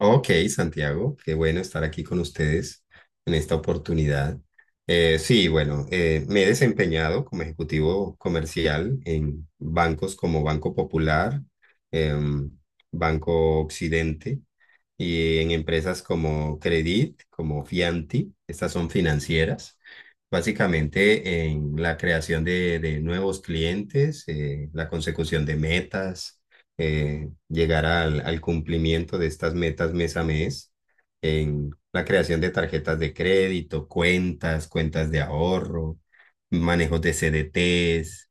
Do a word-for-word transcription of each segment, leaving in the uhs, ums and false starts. Ok, Santiago, qué bueno estar aquí con ustedes en esta oportunidad. Eh, sí, bueno, eh, me he desempeñado como ejecutivo comercial en bancos como Banco Popular, em, Banco Occidente y en empresas como Credit, como Fianti. Estas son financieras. Básicamente en la creación de, de nuevos clientes, eh, la consecución de metas, eh, llegar al, al cumplimiento de estas metas mes a mes en la creación de tarjetas de crédito, cuentas, cuentas de ahorro, manejos de C D Ts.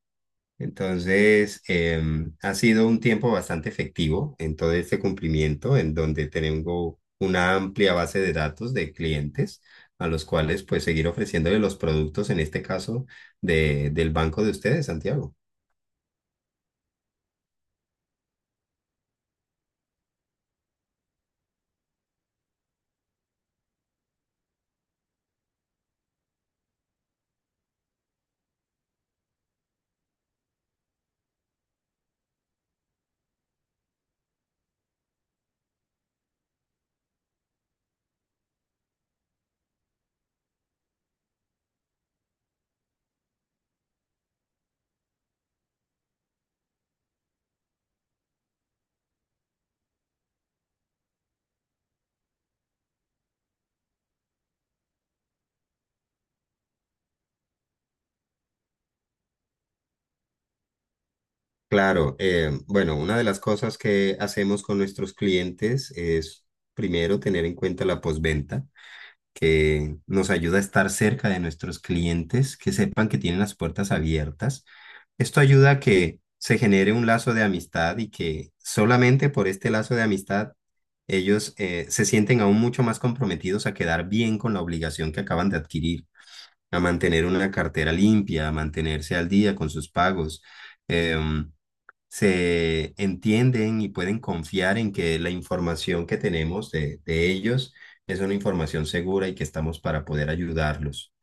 Entonces, em, ha sido un tiempo bastante efectivo en todo este cumplimiento, en donde tengo una amplia base de datos de clientes a los cuales pues seguir ofreciéndole los productos, en este caso, de, del banco de ustedes, Santiago. Claro, eh, bueno, una de las cosas que hacemos con nuestros clientes es primero tener en cuenta la postventa, que nos ayuda a estar cerca de nuestros clientes, que sepan que tienen las puertas abiertas. Esto ayuda a que se genere un lazo de amistad y que solamente por este lazo de amistad ellos eh, se sienten aún mucho más comprometidos a quedar bien con la obligación que acaban de adquirir, a mantener una cartera limpia, a mantenerse al día con sus pagos. em, se entienden y pueden confiar en que la información que tenemos de, de ellos es una información segura y que estamos para poder ayudarlos.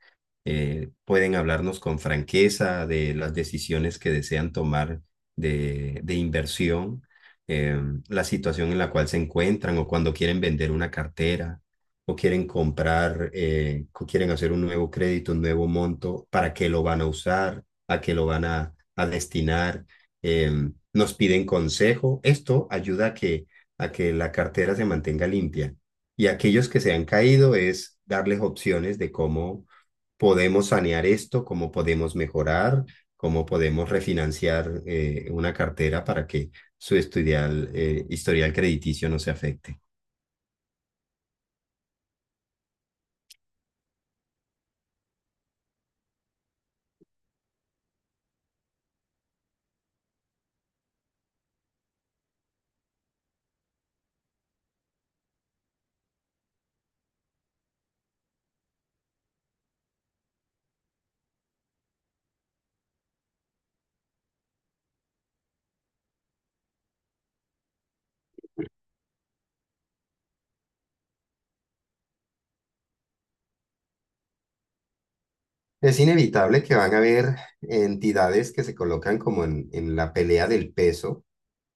eh, Pueden hablarnos con franqueza de las decisiones que desean tomar de, de inversión, eh, la situación en la cual se encuentran o cuando quieren vender una cartera o quieren comprar, eh, o quieren hacer un nuevo crédito, un nuevo monto, para qué lo van a usar, a qué lo van a, a destinar. eh, nos piden consejo. Esto ayuda a que, a que la cartera se mantenga limpia. Y aquellos que se han caído es darles opciones de cómo podemos sanear esto, cómo podemos mejorar, cómo podemos refinanciar, eh, una cartera para que su estudial, eh, historial crediticio no se afecte. Es inevitable que van a haber entidades que se colocan como en, en la pelea del peso,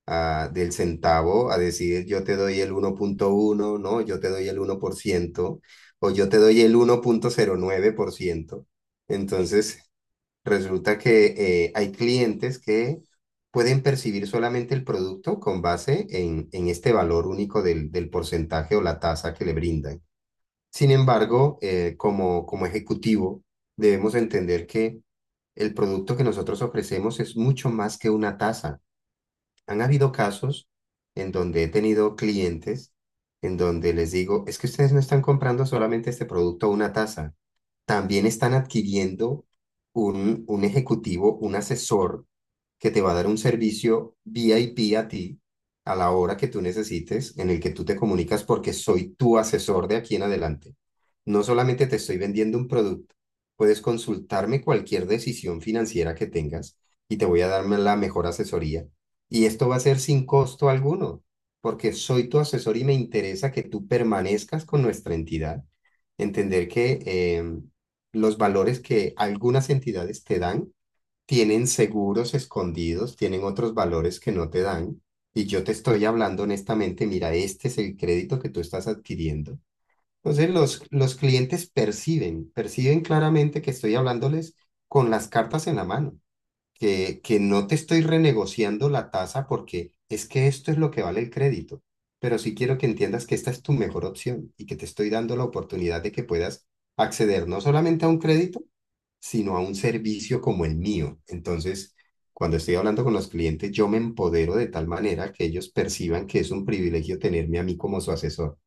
ah, del centavo, a decir yo te doy el uno punto uno, no, yo te doy el uno por ciento o yo te doy el uno punto cero nueve por ciento. Entonces, resulta que eh, hay clientes que pueden percibir solamente el producto con base en, en este valor único del, del porcentaje o la tasa que le brindan. Sin embargo, eh, como, como ejecutivo, debemos entender que el producto que nosotros ofrecemos es mucho más que una tasa. Han habido casos en donde he tenido clientes en donde les digo, es que ustedes no están comprando solamente este producto o una tasa, también están adquiriendo un, un ejecutivo, un asesor que te va a dar un servicio VIP a ti a la hora que tú necesites, en el que tú te comunicas porque soy tu asesor de aquí en adelante. No solamente te estoy vendiendo un producto, puedes consultarme cualquier decisión financiera que tengas y te voy a dar la mejor asesoría. Y esto va a ser sin costo alguno, porque soy tu asesor y me interesa que tú permanezcas con nuestra entidad, entender que eh, los valores que algunas entidades te dan tienen seguros escondidos, tienen otros valores que no te dan. Y yo te estoy hablando honestamente, mira, este es el crédito que tú estás adquiriendo. Entonces los, los clientes perciben, perciben claramente que estoy hablándoles con las cartas en la mano, que, que no te estoy renegociando la tasa porque es que esto es lo que vale el crédito, pero sí quiero que entiendas que esta es tu mejor opción y que te estoy dando la oportunidad de que puedas acceder no solamente a un crédito, sino a un servicio como el mío. Entonces, cuando estoy hablando con los clientes, yo me empodero de tal manera que ellos perciban que es un privilegio tenerme a mí como su asesor,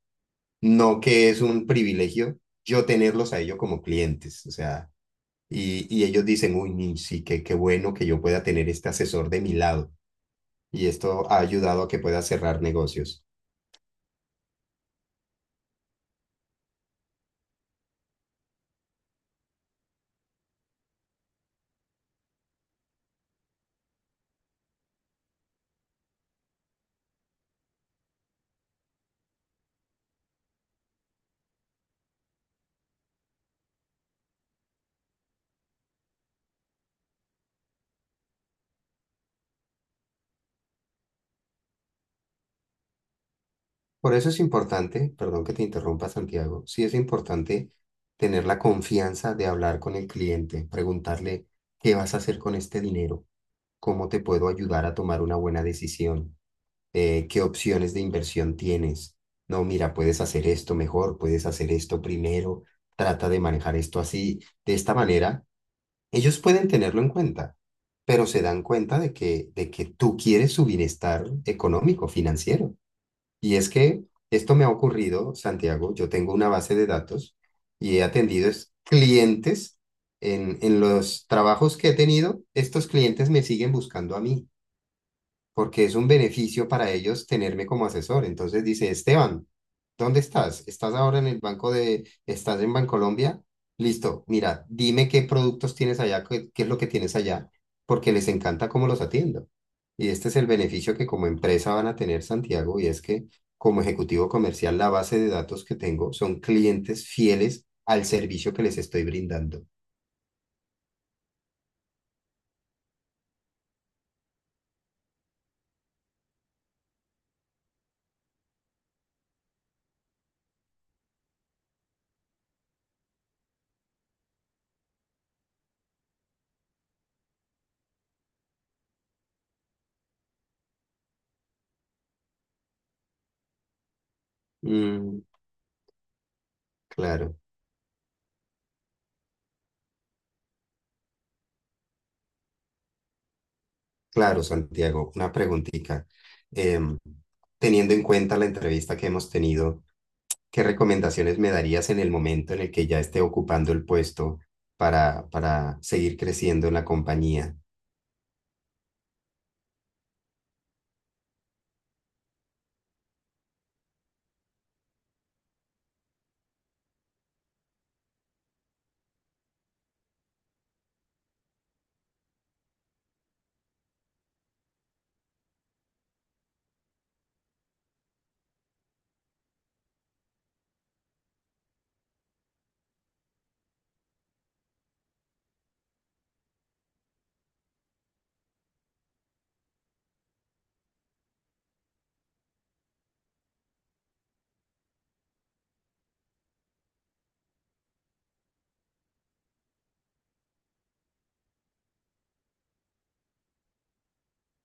no que es un privilegio yo tenerlos a ellos como clientes. O sea, y, y ellos dicen, uy, ni sí, qué, qué bueno que yo pueda tener este asesor de mi lado. Y esto ha ayudado a que pueda cerrar negocios. Por eso es importante, perdón que te interrumpa, Santiago, sí es importante tener la confianza de hablar con el cliente, preguntarle, ¿qué vas a hacer con este dinero? ¿Cómo te puedo ayudar a tomar una buena decisión? Eh, ¿qué opciones de inversión tienes? No, mira, puedes hacer esto mejor, puedes hacer esto primero, trata de manejar esto así. De esta manera ellos pueden tenerlo en cuenta, pero se dan cuenta de que, de que tú quieres su bienestar económico, financiero. Y es que esto me ha ocurrido, Santiago, yo tengo una base de datos y he atendido es- clientes en, en los trabajos que he tenido, estos clientes me siguen buscando a mí porque es un beneficio para ellos tenerme como asesor. Entonces dice, Esteban, ¿dónde estás? ¿Estás ahora en el banco de, estás en Bancolombia? Listo, mira, dime qué productos tienes allá, qué, qué es lo que tienes allá, porque les encanta cómo los atiendo. Y este es el beneficio que como empresa van a tener, Santiago, y es que como ejecutivo comercial, la base de datos que tengo son clientes fieles al servicio que les estoy brindando. Mm, claro, claro, Santiago, una preguntita. Em, Teniendo en cuenta la entrevista que hemos tenido, ¿qué recomendaciones me darías en el momento en el que ya esté ocupando el puesto para, para seguir creciendo en la compañía?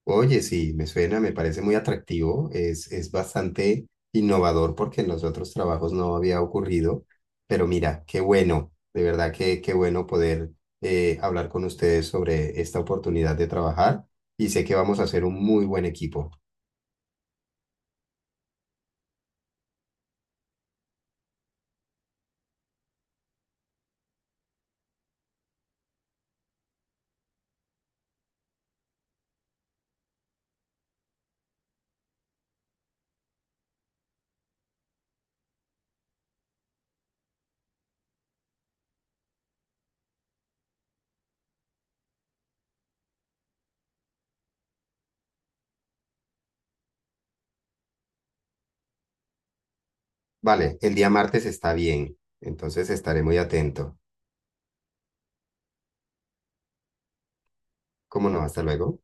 Oye, sí, me suena, me parece muy atractivo, es, es bastante innovador porque en los otros trabajos no había ocurrido, pero mira, qué bueno, de verdad que qué bueno poder eh, hablar con ustedes sobre esta oportunidad de trabajar y sé que vamos a ser un muy buen equipo. Vale, el día martes está bien, entonces estaré muy atento. ¿Cómo no? Hasta luego.